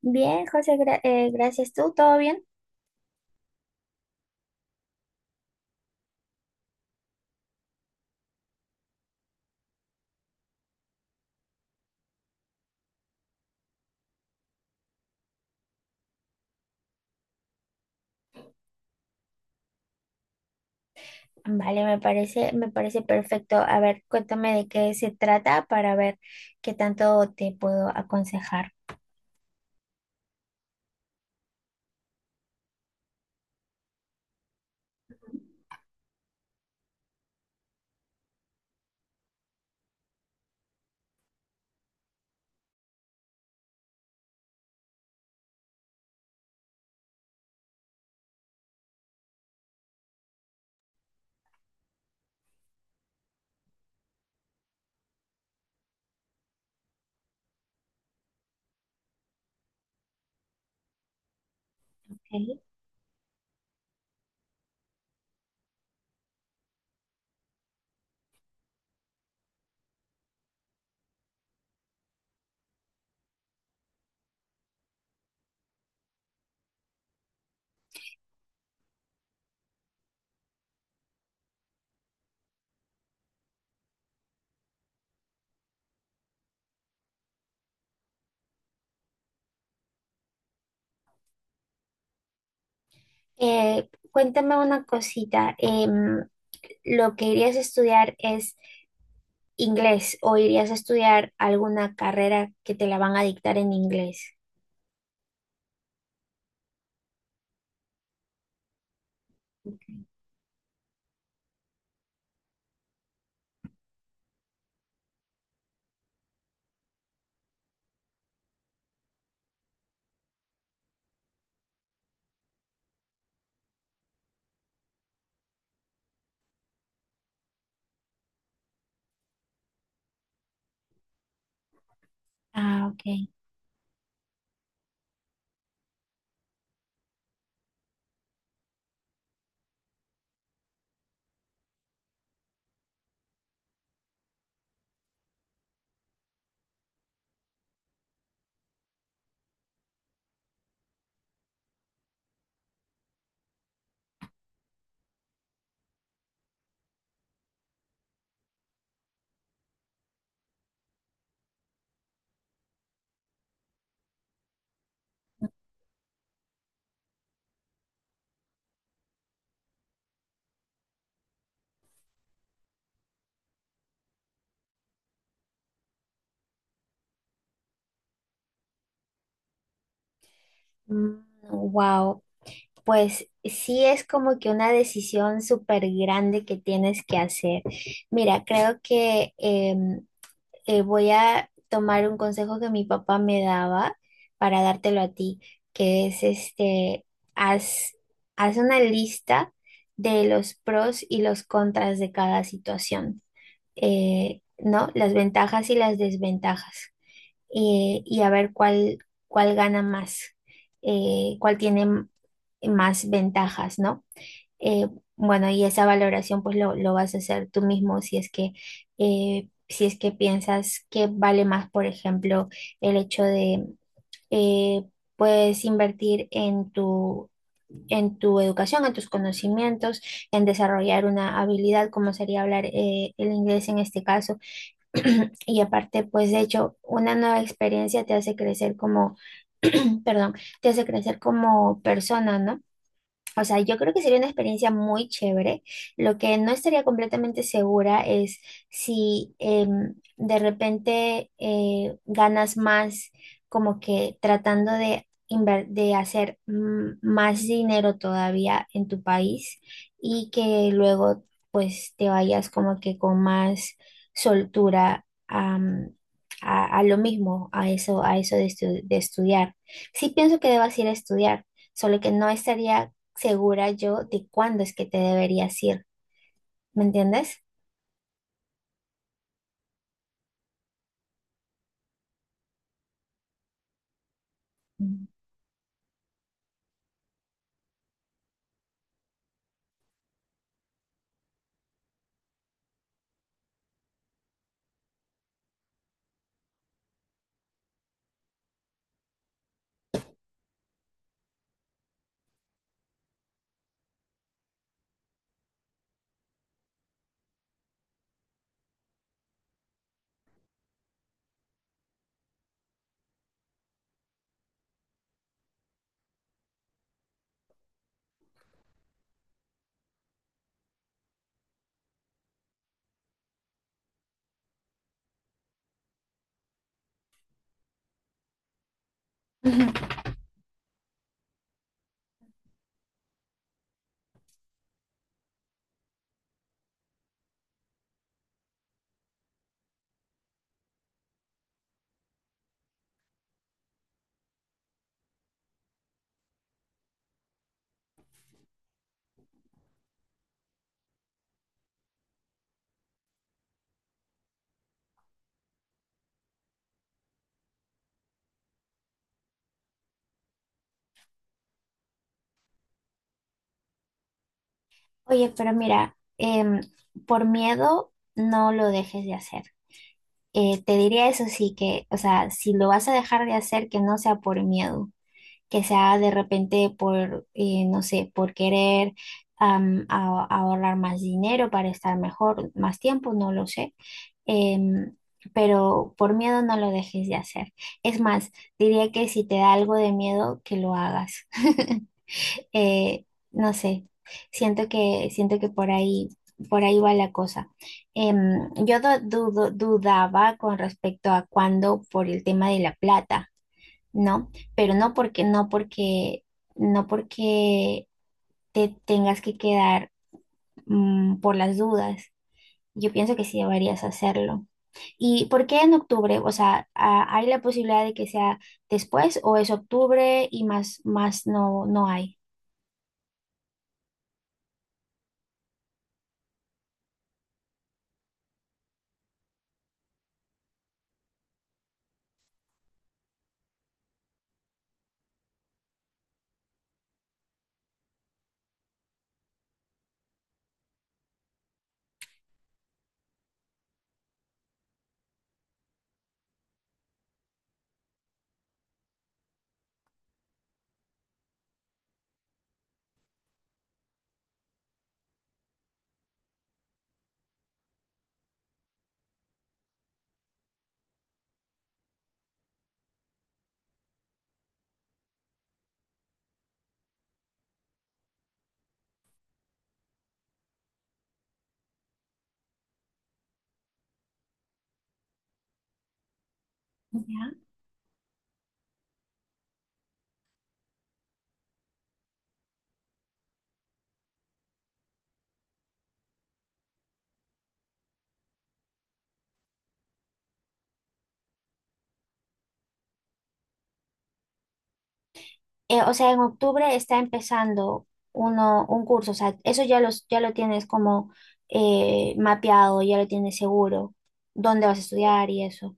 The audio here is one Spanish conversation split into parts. Bien, José, gracias. ¿Tú? ¿Todo bien? Vale, me parece perfecto. A ver, cuéntame de qué se trata para ver qué tanto te puedo aconsejar. Ok. Cuéntame una cosita. ¿Lo que irías a estudiar es inglés o irías a estudiar alguna carrera que te la van a dictar en inglés? Ah, ok. Wow. Pues sí es como que una decisión súper grande que tienes que hacer. Mira, creo que voy a tomar un consejo que mi papá me daba para dártelo a ti, que es este, haz, haz una lista de los pros y los contras de cada situación, ¿no? Las ventajas y las desventajas, y a ver cuál gana más, eh, cuál tiene m- más ventajas, ¿no? Eh, bueno, y esa valoración pues lo vas a hacer tú mismo si es que, si es que piensas que vale más, por ejemplo, el hecho de... eh, puedes invertir en en tu educación, en tus conocimientos, en desarrollar una habilidad como sería hablar el inglés en este caso. Y aparte, pues de hecho, una nueva experiencia te hace crecer como, perdón, te hace crecer como persona, ¿no? O sea, yo creo que sería una experiencia muy chévere. Lo que no estaría completamente segura es si de repente ganas más como que tratando de hacer más dinero todavía en tu país y que luego pues te vayas como que con más soltura a lo mismo, a eso, a eso de estudiar. Sí pienso que debas ir a estudiar, solo que no estaría segura yo de cuándo es que te deberías ir, ¿me entiendes? Mm. Ujú. Oye, pero mira, por miedo no lo dejes de hacer. Te diría eso sí que, o sea, si lo vas a dejar de hacer, que no sea por miedo, que sea de repente por, no sé, por querer ahorrar más dinero para estar mejor, más tiempo, no lo sé. em, pero por miedo no lo dejes de hacer. Es más, diría que si te da algo de miedo, que lo hagas. Eh, no sé, siento que por por ahí va la cosa. Yo dudaba con respecto a cuándo por el tema de la plata, ¿no? Pero no porque te tengas que quedar, por las dudas. Yo pienso que sí deberías hacerlo. ¿Y por qué en octubre? O sea, ¿hay la posibilidad de que sea después o es octubre y más no, no hay? Ya. O sea, en octubre está empezando un curso, o sea, eso ya, ya lo tienes como mapeado, ya lo tienes seguro, dónde vas a estudiar y eso.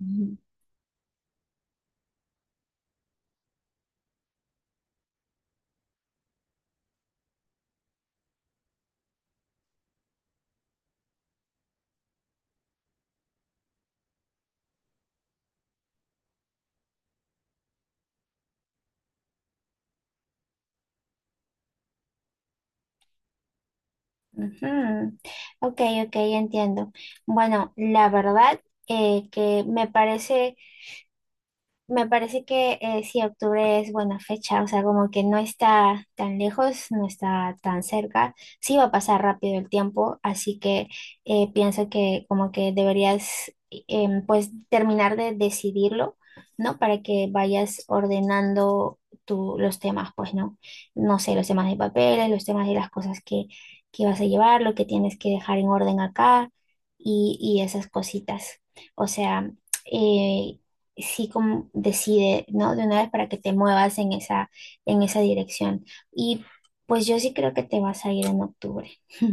Ujú. Ujú. Ok, ok, entiendo. Bueno, la verdad que me parece me parece que sí, octubre es buena fecha, o sea, como que no está tan lejos, no está tan cerca, sí va a pasar rápido el tiempo, así que pienso que como que deberías pues terminar de decidirlo, ¿no? Para que vayas ordenando los temas, pues, ¿no? No sé, los temas de papeles, los temas de las cosas que vas a llevar, lo que tienes que dejar en orden acá y esas cositas, o sea... eh, sí, como decide, ¿no? De una vez para que te muevas en en esa dirección. Y pues yo sí creo que te vas a ir en octubre.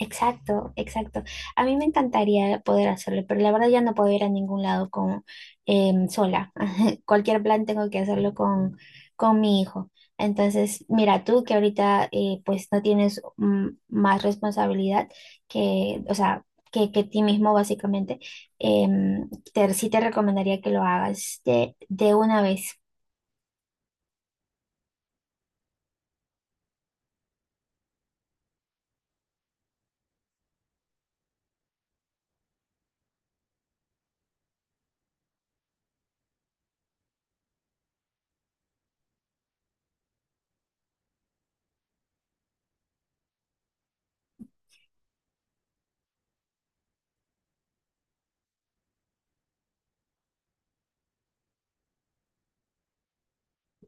Exacto, exacto. A mí me encantaría poder hacerlo, pero la verdad ya no puedo ir a ningún lado con, sola. Cualquier plan tengo que hacerlo con mi hijo. Entonces, mira, tú que ahorita pues no tienes más responsabilidad que, o sea, que ti mismo básicamente, sí te recomendaría que lo hagas de una vez.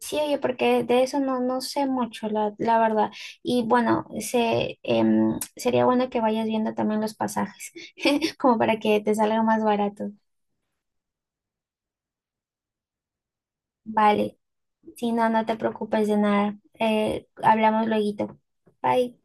Sí, oye, porque de eso no, no sé mucho, la verdad. Y bueno, sería bueno que vayas viendo también los pasajes, como para que te salga más barato. Vale. Si no, no te preocupes de nada. Hablamos lueguito. Bye.